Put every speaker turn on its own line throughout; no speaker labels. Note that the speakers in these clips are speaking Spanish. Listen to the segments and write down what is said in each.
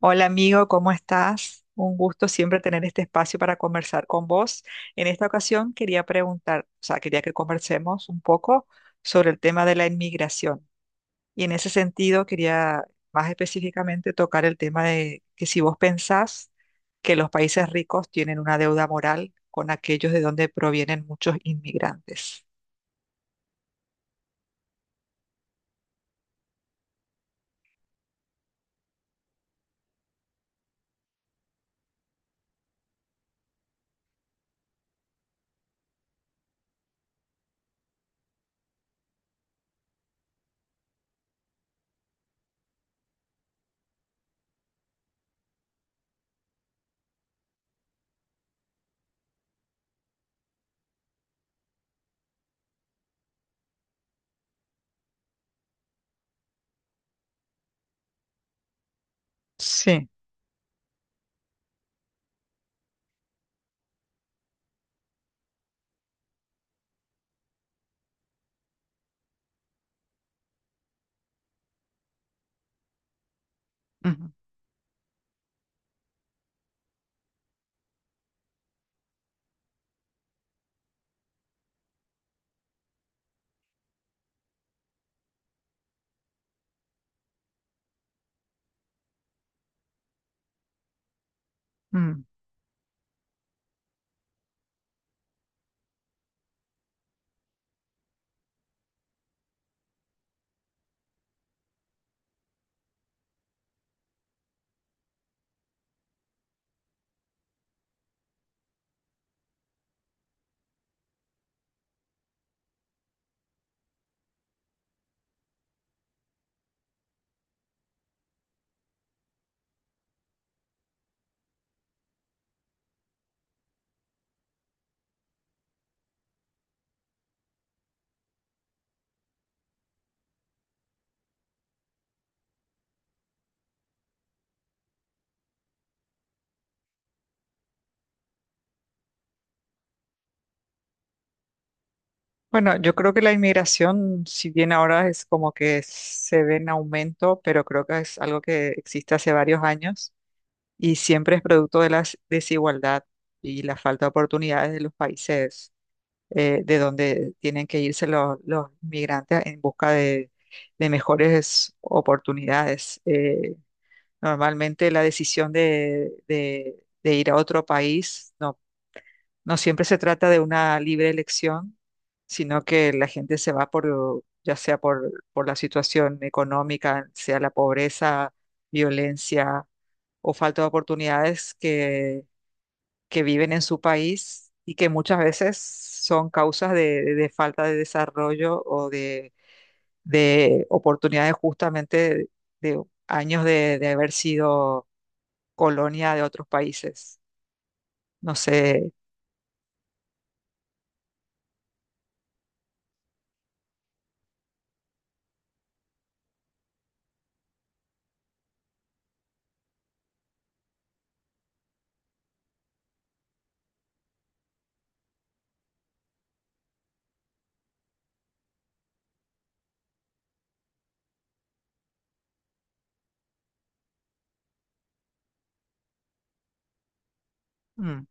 Hola amigo, ¿cómo estás? Un gusto siempre tener este espacio para conversar con vos. En esta ocasión quería preguntar, quería que conversemos un poco sobre el tema de la inmigración. Y en ese sentido quería más específicamente tocar el tema de que si vos pensás que los países ricos tienen una deuda moral con aquellos de donde provienen muchos inmigrantes. Sí. Ujú. Mm. Bueno, yo creo que la inmigración, si bien ahora es como que se ve en aumento, pero creo que es algo que existe hace varios años y siempre es producto de la desigualdad y la falta de oportunidades de los países de donde tienen que irse los migrantes en busca de mejores oportunidades. Normalmente la decisión de ir a otro país no no siempre se trata de una libre elección, sino que la gente se va por, ya sea por la situación económica, sea la pobreza, violencia o falta de oportunidades que viven en su país y que muchas veces son causas de falta de desarrollo o de oportunidades justamente de años de haber sido colonia de otros países. No sé. Mm,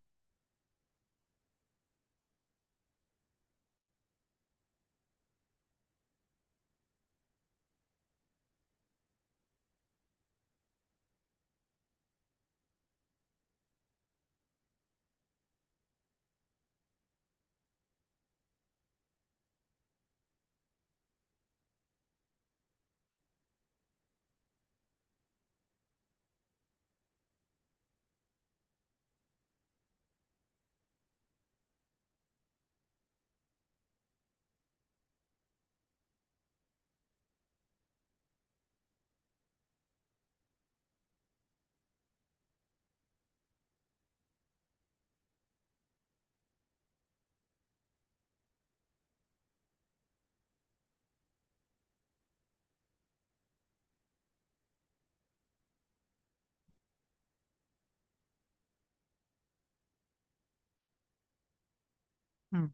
mm.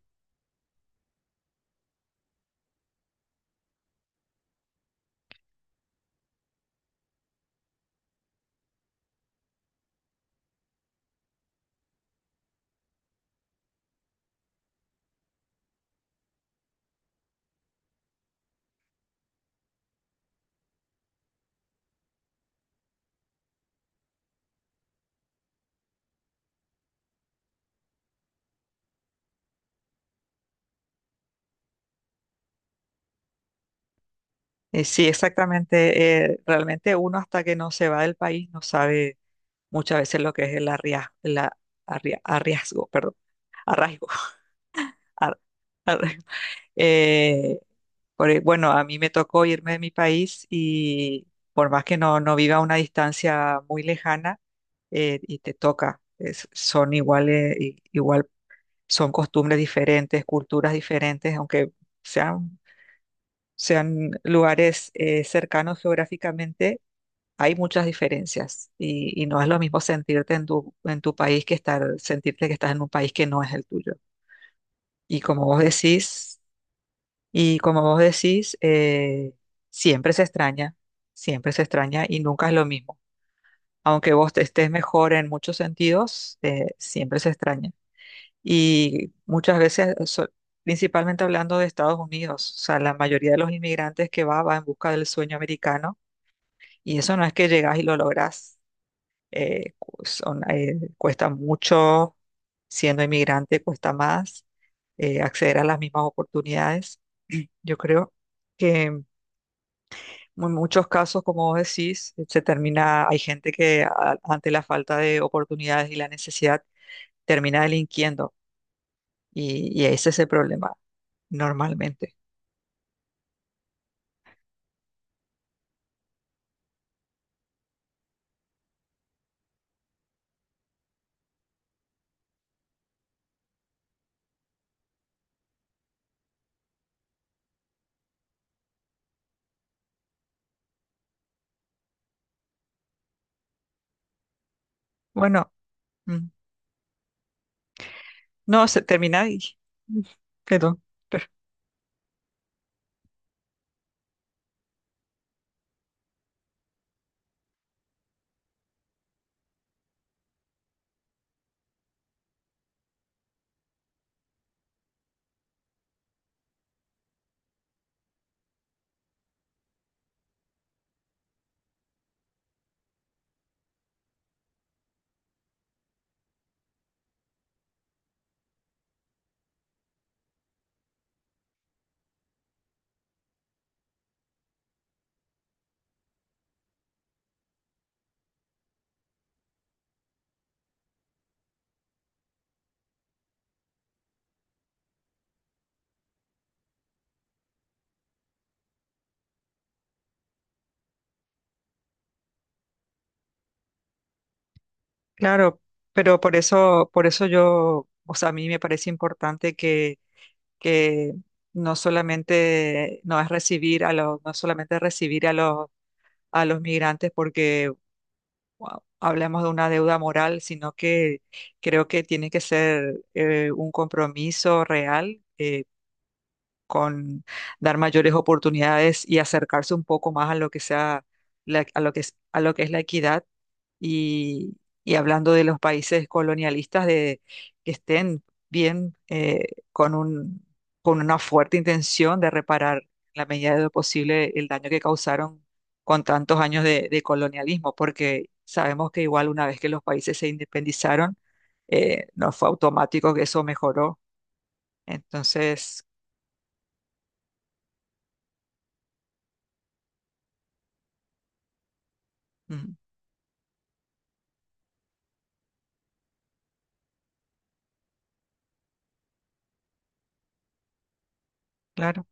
Sí, exactamente. Realmente uno hasta que no se va del país no sabe muchas veces lo que es el arria- la arria- arriazgo, perdón, arraigo. ar- ar- eh, por e- bueno, a mí me tocó irme de mi país y por más que no, no viva a una distancia muy lejana, y te toca, es- son iguales, i- igual, son costumbres diferentes, culturas diferentes, aunque sean, sean lugares cercanos geográficamente hay muchas diferencias y no es lo mismo sentirte en tu país que estar, sentirte que estás en un país que no es el tuyo. Y como vos decís, y como vos decís, siempre se extraña, siempre se extraña y nunca es lo mismo. Aunque vos te estés mejor en muchos sentidos, siempre se extraña. Y muchas veces, so- principalmente hablando de Estados Unidos, o sea, la mayoría de los inmigrantes que va, va en busca del sueño americano y eso no es que llegás y lo lográs cu- son, cuesta mucho, siendo inmigrante cuesta más acceder a las mismas oportunidades. Yo creo que en mu- muchos casos, como vos decís, se termina, hay gente que a- ante la falta de oportunidades y la necesidad termina delinquiendo y ese es el problema normalmente. Bueno, mm, no, se termina y mm, perdón. Claro, pero por eso yo, a mí me parece importante que no solamente no es recibir a los, no solamente recibir a los migrantes porque wow, hablamos de una deuda moral, sino que creo que tiene que ser un compromiso real. Con dar mayores oportunidades y acercarse un poco más a lo que sea la- a lo que es, a lo que es la equidad y, y hablando de los países colonialistas de que estén bien con un, con una fuerte intención de reparar en la medida de lo posible el daño que causaron con tantos años de colonialismo, porque sabemos que igual una vez que los países se independizaron, no fue automático que eso mejoró. Entonces, mm, claro.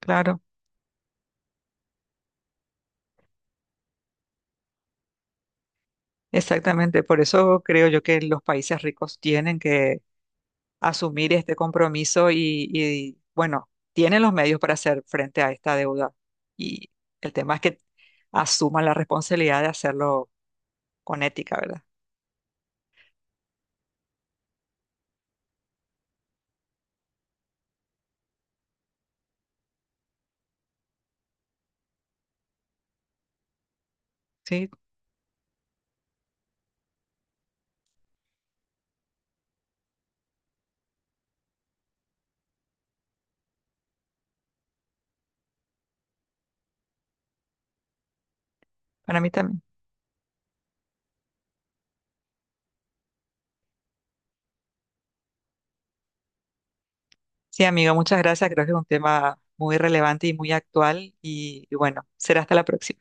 Claro, exactamente. Por eso creo yo que los países ricos tienen que asumir este compromiso y, bueno, tienen los medios para hacer frente a esta deuda. Y el tema es que asuman la responsabilidad de hacerlo con ética, ¿verdad? Sí, para mí también. Sí, amigo, muchas gracias. Creo que es un tema muy relevante y muy actual. Y bueno, será hasta la próxima.